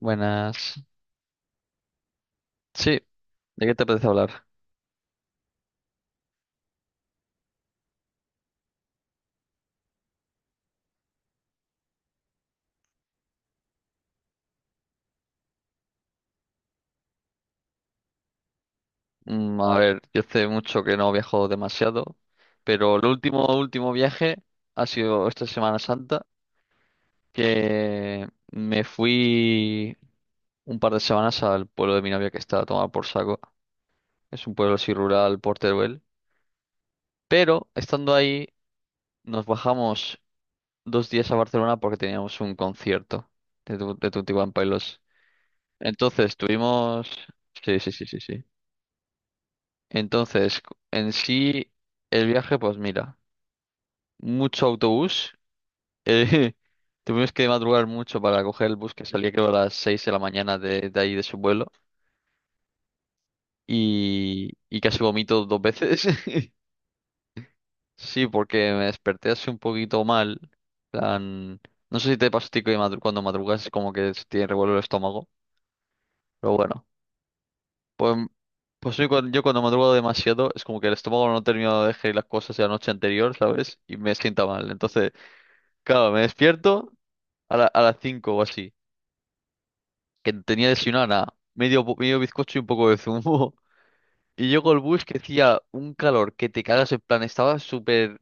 Buenas. Sí, ¿de qué te apetece hablar? A ver, yo hace mucho que no viajo demasiado, pero el último viaje ha sido esta Semana Santa, que me fui un par de semanas al pueblo de mi novia que está a tomar por saco. Es un pueblo así rural, por Teruel. Pero estando ahí, nos bajamos dos días a Barcelona porque teníamos un concierto de Tutti. Entonces tuvimos... Sí, sí, sí, sí, sí. Entonces, en sí, el viaje, pues mira, mucho autobús. eh, Tuvimos que madrugar mucho para coger el bus que salía, creo, a las 6 de la mañana de ahí de su vuelo. Y casi vomito dos veces. Sí, porque me desperté así un poquito mal. plan, no sé si te pasa a ti que cuando madrugas como que se tiene revuelo el estómago. Pero bueno, pues, pues yo cuando madrugo demasiado es como que el estómago no termina de digerir las cosas de la noche anterior, ¿sabes? Y me sienta mal. Entonces... Claro, me despierto a las 5 o así. Que tenía desayunado nada. Medio bizcocho y un poco de zumo. Y llego al bus que hacía un calor que te cagas. En plan, estaba súper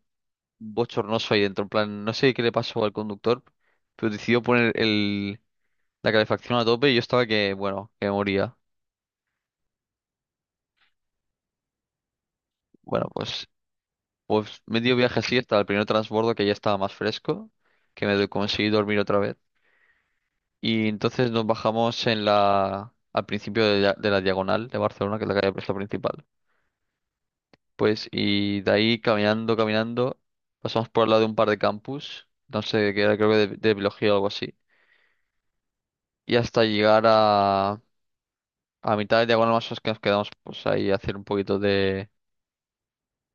bochornoso ahí dentro. En plan, no sé qué le pasó al conductor. Pero decidió poner la calefacción a tope y yo estaba que, bueno, que me moría. Bueno, pues medio viaje así hasta el primer transbordo que ya estaba más fresco. Que conseguí dormir otra vez. Y entonces nos bajamos al principio de la Diagonal de Barcelona, que es la calle, es la principal. Pues, y de ahí caminando, caminando, pasamos por al lado de un par de campus, no sé, que era creo que de biología o algo así. Y hasta llegar a mitad de Diagonal más o menos que nos quedamos pues ahí a hacer un poquito de,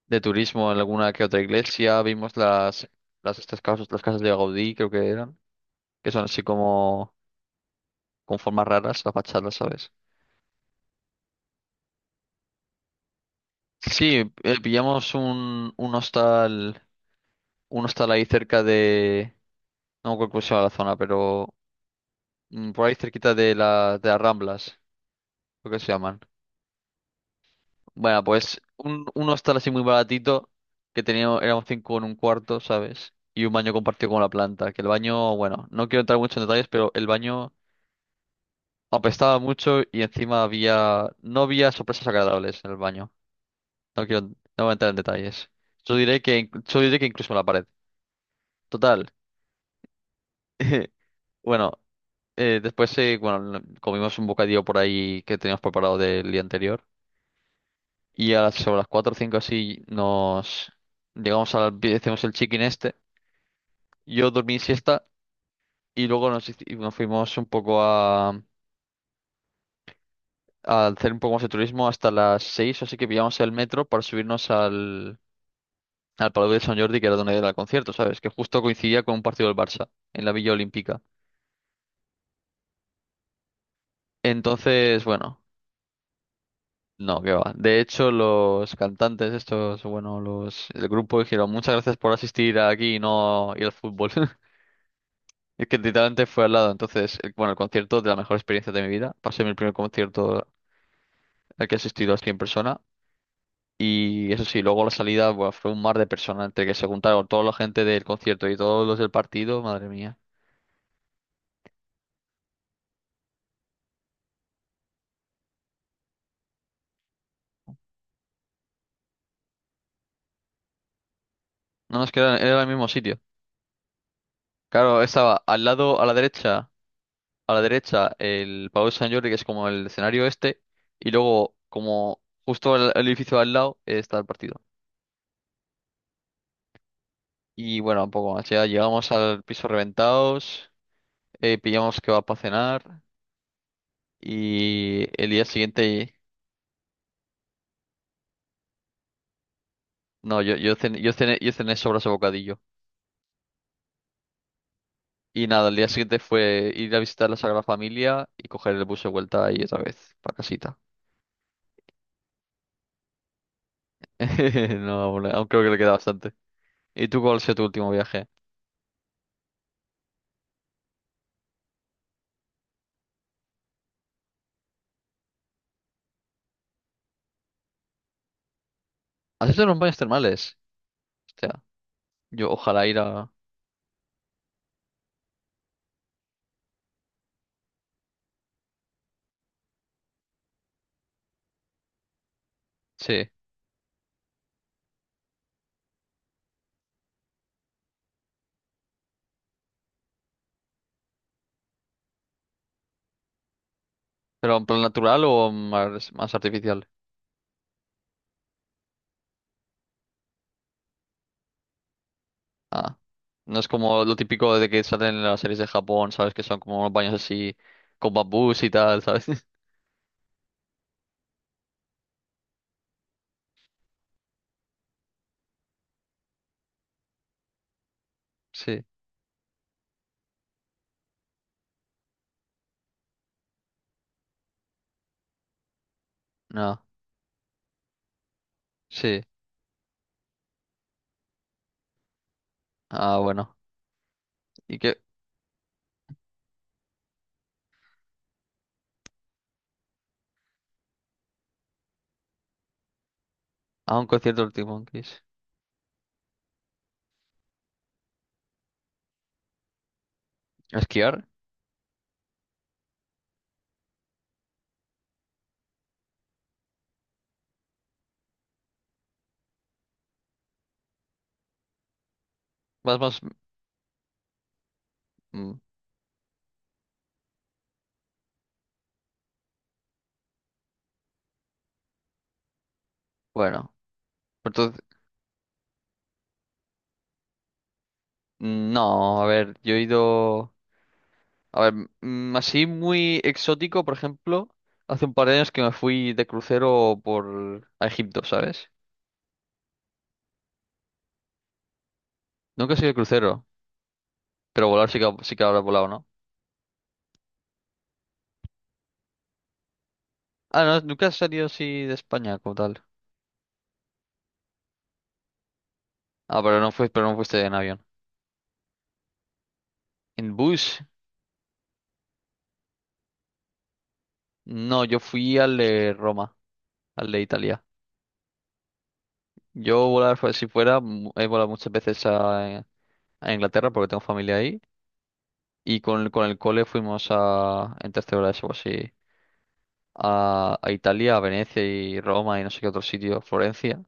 de turismo en alguna que otra iglesia. Vimos las estas casas, las casas de Gaudí, creo que eran, que son así como con formas raras, las fachadas, ¿sabes? Sí, pillamos un hostal ahí cerca de, no me acuerdo cómo se llama la zona, pero por ahí cerquita de las Ramblas, lo que se llaman. Bueno, pues un hostal así muy baratito, que teníamos, éramos cinco en un cuarto, ¿sabes? Y un baño compartido con la planta, que el baño, bueno, no quiero entrar mucho en detalles, pero el baño apestaba mucho y encima había, no había sorpresas agradables en el baño. No quiero, no voy a entrar en detalles. Yo diré que incluso en la pared. Total. Bueno, después bueno, comimos un bocadillo por ahí que teníamos preparado del día anterior. Y sobre las 4 o 5 así nos llegamos al... Hicimos el chicken este. Yo dormí siesta y luego nos fuimos un poco a hacer un poco más de turismo hasta las seis, así que pillamos el metro para subirnos al Palau de San Jordi, que era donde era el concierto, ¿sabes? Que justo coincidía con un partido del Barça en la Villa Olímpica. Entonces, bueno. No, que va. De hecho, los cantantes estos, bueno, los el grupo dijeron muchas gracias por asistir aquí y no ir al fútbol. Es que literalmente fue al lado. Entonces, bueno, el concierto, de la mejor experiencia de mi vida. Pasé mi primer concierto al que he asistido así en persona. Y eso sí, luego la salida, buah, fue un mar de personas entre que se juntaron toda la gente del concierto y todos los del partido. Madre mía. No, nos, es que era el mismo sitio. Claro, estaba al lado, a la derecha. A la derecha el Palau de Sant Jordi, que es como el escenario este, y luego como justo el edificio al lado, está el partido. Y bueno, un poco más, ya llegamos al piso reventados, pillamos, que va, para cenar. Y el día siguiente, no, yo cené sobras de bocadillo. Y nada, el día siguiente fue ir a visitar la Sagrada Familia y coger el bus de vuelta ahí otra vez, para casita. No, aún creo que le queda bastante. ¿Y tú cuál ha sido tu último viaje? ¿Has hecho los baños termales? Yo ojalá ir a... Sí. ¿Pero en plan natural o más artificial? Ah. No es como lo típico de que salen en las series de Japón, ¿sabes? Que son como unos baños así con bambús y tal, ¿sabes? Sí. No. Sí. Ah, bueno. ¿Y qué? A un concierto del Monkeys. ¿A esquiar? Vas más... Mm, bueno. Entonces... Mm, no, a ver, yo he ido... A ver, así muy exótico, por ejemplo, hace un par de años que me fui de crucero por a Egipto, ¿sabes? Nunca he sido de crucero, pero volar sí que, habrá volado, ¿no? Ah, no, nunca has salido así de España como tal. Ah, pero no fuiste en avión. ¿En bus? No, yo fui al de Roma, al de Italia. Yo volar, fue- si fuera, mu- he volado muchas veces a Inglaterra porque tengo familia ahí. Y con el cole fuimos en tercera de eso, así, a Italia, a Venecia y Roma y no sé qué otro sitio, Florencia,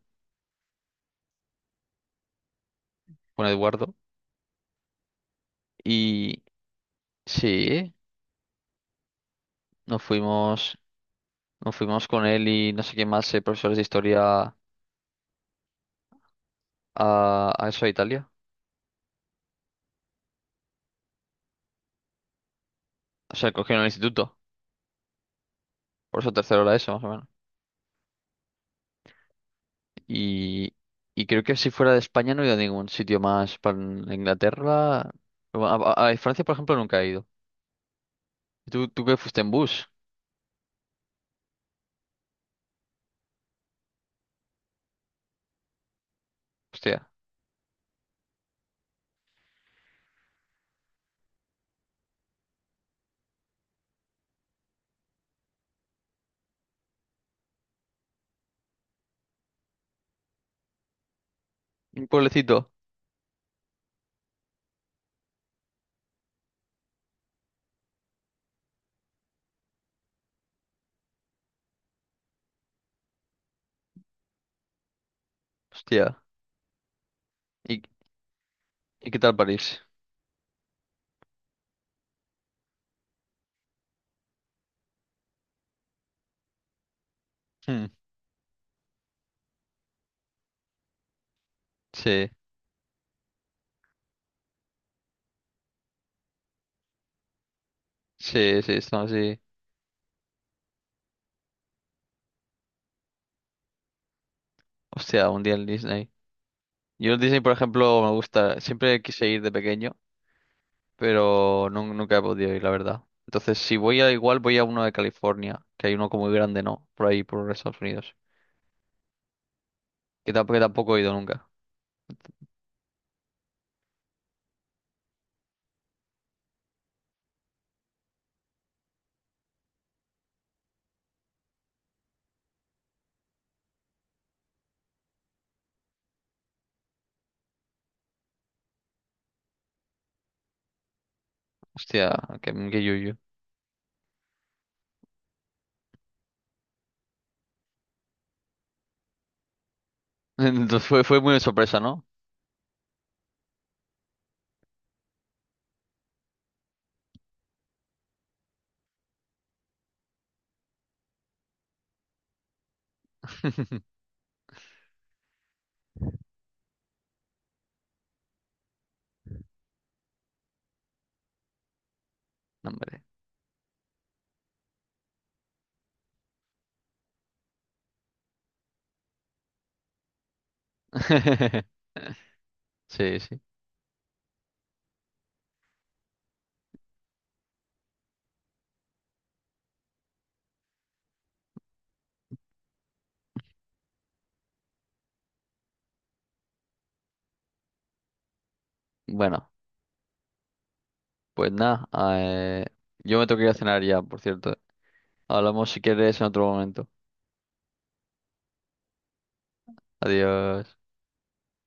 con Eduardo. Y sí, nos fuimos. Nos fuimos con él y no sé quién más, profesores de historia, a eso, a Italia. O sea, cogieron el instituto. Por eso tercero era eso, más o menos. Y, y creo que si fuera de España no he ido a ningún sitio más. Para Inglaterra. Bueno, a Francia, por ejemplo, nunca he ido. ¿Y tú que fuiste en bus? Hostia. ¿Un pueblecito? Hostia. ¿Y, y qué tal París? Hmm, sí, sí, sí, estamos así. Hostia, un día en Disney. Yo en Disney, por ejemplo, me gusta. Siempre quise ir de pequeño, pero nunca he podido ir, la verdad. Entonces, si voy, a igual voy a uno de California, que hay uno como muy grande, ¿no? Por ahí, por Estados Unidos. Que tampoco he ido nunca. Hostia, que yuyu. Entonces fue muy de sorpresa, ¿no? No, hombre. Sí, sí. Bueno, pues nada. eh, yo me tengo que ir a cenar ya, por cierto. Hablamos si quieres en otro momento. Adiós.